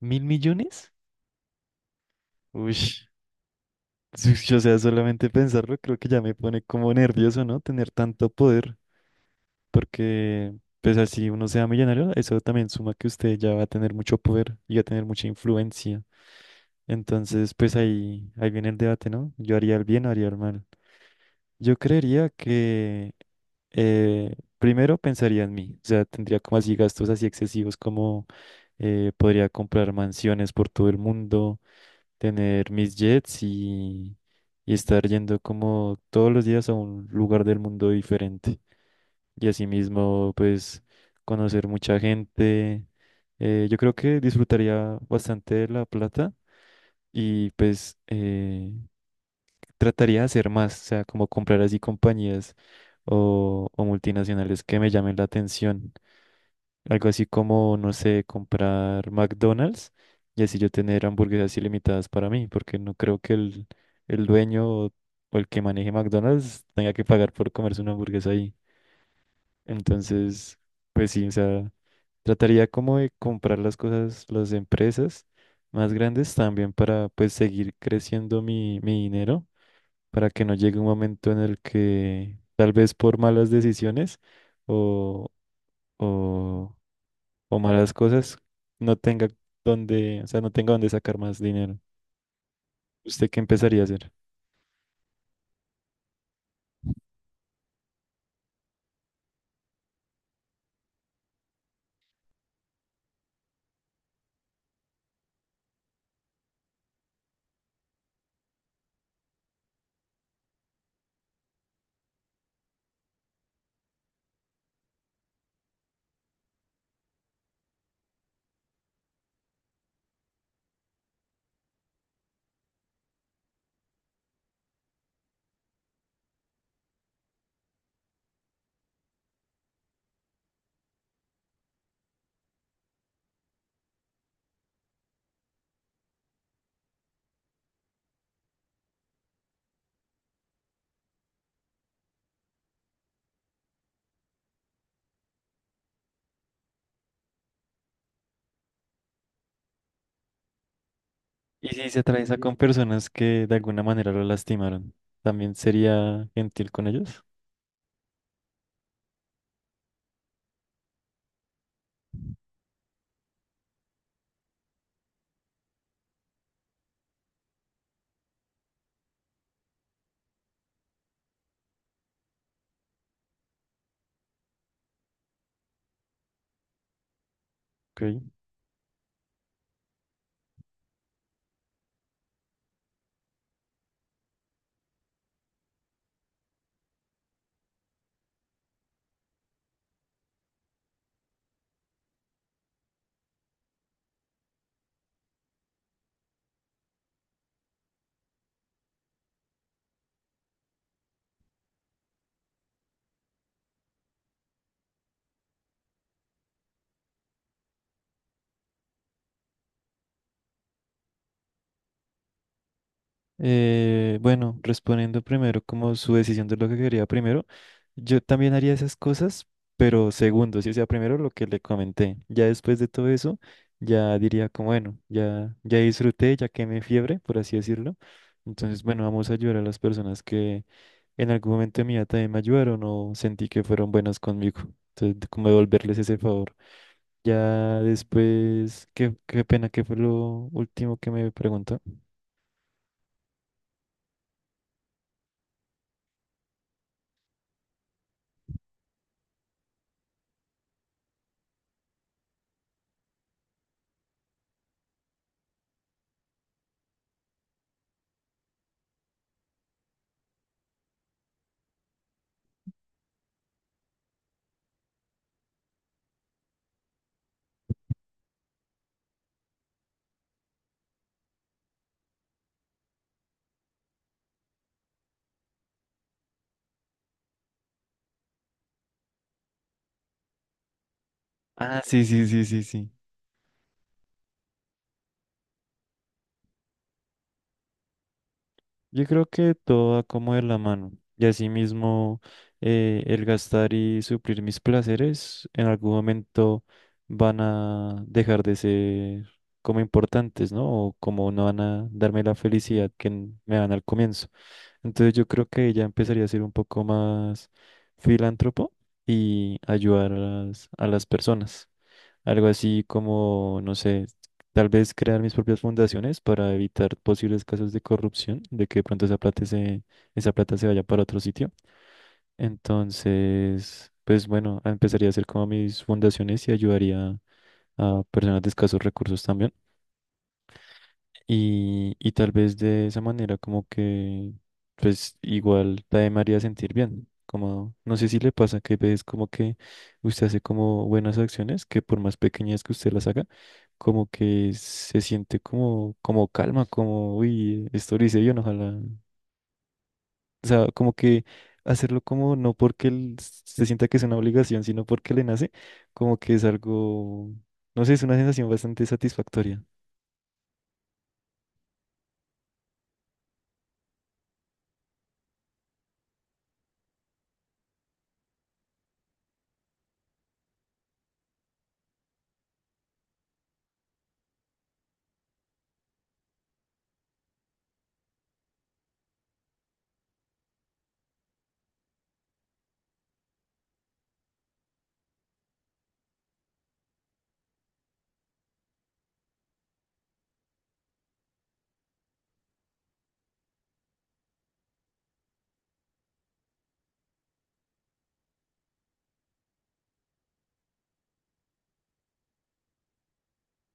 ¿Mil millones? Uy, o sea, solamente pensarlo creo que ya me pone como nervioso, ¿no? Tener tanto poder, porque pues así uno sea millonario, eso también suma que usted ya va a tener mucho poder y va a tener mucha influencia. Entonces, pues ahí viene el debate, ¿no? ¿Yo haría el bien o haría el mal? Yo creería que primero pensaría en mí, o sea, tendría como así gastos así excesivos como podría comprar mansiones por todo el mundo, tener mis jets y estar yendo como todos los días a un lugar del mundo diferente. Y asimismo, pues conocer mucha gente. Yo creo que disfrutaría bastante de la plata y pues trataría de hacer más, o sea, como comprar así compañías o multinacionales que me llamen la atención. Algo así como, no sé, comprar McDonald's y así yo tener hamburguesas ilimitadas para mí, porque no creo que el dueño o el que maneje McDonald's tenga que pagar por comerse una hamburguesa ahí. Entonces, pues sí, o sea, trataría como de comprar las cosas, las empresas más grandes también para pues seguir creciendo mi dinero, para que no llegue un momento en el que tal vez por malas decisiones o... o o malas cosas, no tenga no tenga donde sacar más dinero. ¿Usted qué empezaría a hacer? Y si se atraviesa con personas que de alguna manera lo lastimaron, ¿también sería gentil con ellos? Ok. Bueno, respondiendo primero como su decisión de lo que quería primero, yo también haría esas cosas, pero segundo, si sea primero lo que le comenté, ya después de todo eso, ya diría como, bueno, ya disfruté, ya quemé fiebre, por así decirlo. Entonces, bueno, vamos a ayudar a las personas que en algún momento de mi vida también me ayudaron o sentí que fueron buenas conmigo. Entonces, de como devolverles ese favor. Ya después, qué pena que fue lo último que me preguntó. Ah, sí, sí, sí, sí, sí. Yo creo que todo va como de la mano. Y asimismo el gastar y suplir mis placeres en algún momento van a dejar de ser como importantes, ¿no? O como no van a darme la felicidad que me dan al comienzo. Entonces yo creo que ella empezaría a ser un poco más filántropo y ayudar a a las personas. Algo así como, no sé, tal vez crear mis propias fundaciones para evitar posibles casos de corrupción, de que de pronto esa plata se vaya para otro sitio. Entonces, pues bueno, empezaría a hacer como mis fundaciones y ayudaría a personas de escasos recursos también. Y tal vez de esa manera como que, pues igual también me haría sentir bien. Como, no sé si le pasa que ves como que usted hace como buenas acciones, que por más pequeñas que usted las haga, como que se siente como, como calma, como, uy, esto lo hice bien, ojalá. O sea, como que hacerlo como no porque él se sienta que es una obligación, sino porque le nace, como que es algo, no sé, es una sensación bastante satisfactoria.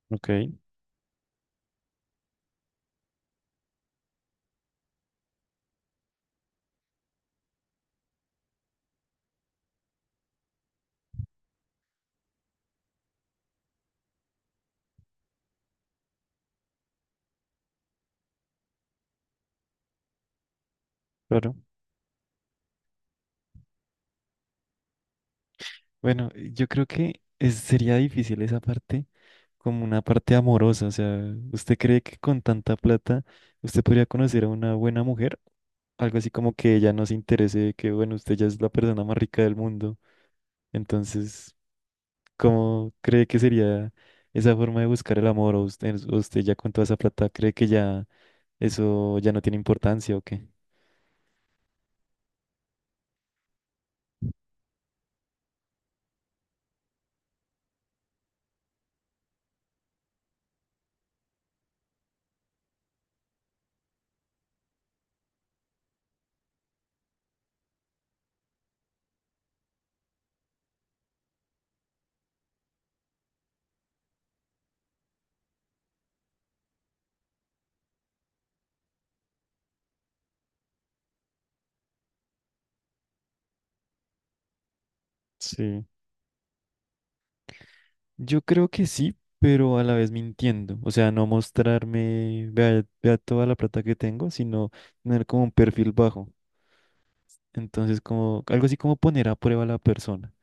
Ok, claro. Bueno, yo creo que sería difícil esa parte como una parte amorosa. O sea, ¿usted cree que con tanta plata usted podría conocer a una buena mujer? Algo así como que ella no se interese, que bueno, usted ya es la persona más rica del mundo. Entonces, ¿cómo cree que sería esa forma de buscar el amor? ¿O usted ya con toda esa plata cree que ya eso ya no tiene importancia o qué? Sí. Yo creo que sí, pero a la vez mintiendo. O sea, no mostrarme, vea toda la plata que tengo, sino tener como un perfil bajo. Entonces, como algo así como poner a prueba a la persona,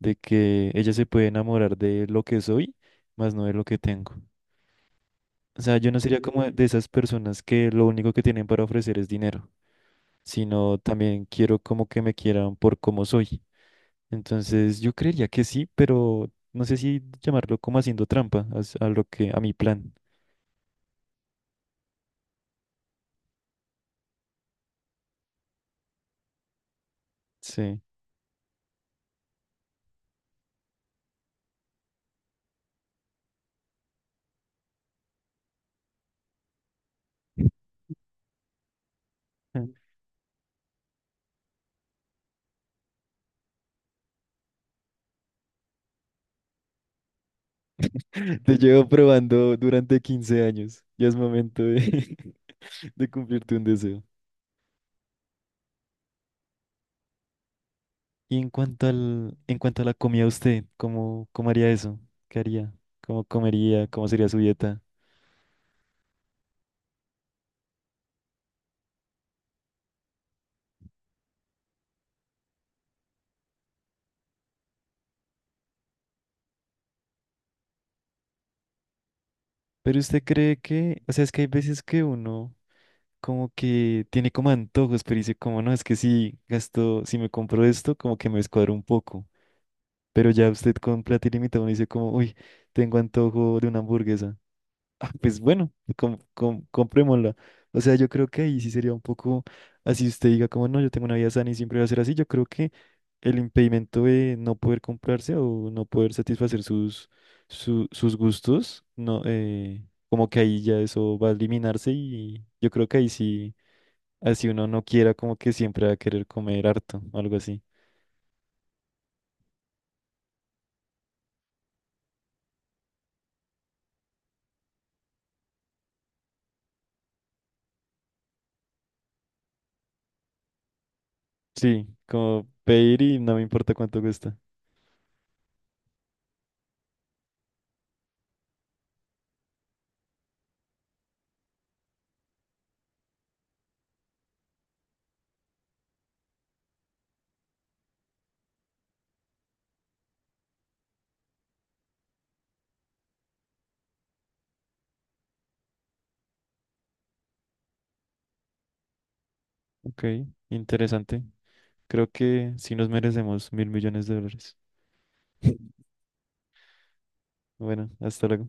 de que ella se puede enamorar de lo que soy, más no de lo que tengo. O sea, yo no sería como de esas personas que lo único que tienen para ofrecer es dinero, sino también quiero como que me quieran por cómo soy. Entonces, yo creería que sí, pero no sé si llamarlo como haciendo trampa a lo que a mi plan. Sí. Te llevo probando durante 15 años. Ya es momento de, de cumplirte un deseo. Y en cuanto al, en cuanto a la comida, usted, cómo haría eso? ¿Qué haría? ¿Cómo comería? ¿Cómo sería su dieta? Pero usted cree que, o sea, es que hay veces que uno como que tiene como antojos, pero dice como, no, es que si gasto, si me compro esto, como que me descuadro un poco. Pero ya usted con plata ilimitada uno dice como, uy, tengo antojo de una hamburguesa. Ah, pues bueno, comprémosla. O sea, yo creo que ahí sí sería un poco así usted diga como no, yo tengo una vida sana y siempre va a ser así. Yo creo que el impedimento de no poder comprarse o no poder satisfacer sus gustos, no, como que ahí ya eso va a eliminarse y yo creo que ahí sí, así uno no quiera como que siempre va a querer comer harto o algo así. Sí, como pedir y no me importa cuánto cuesta. Ok, interesante. Creo que sí nos merecemos 1.000 millones de dólares. Bueno, hasta luego.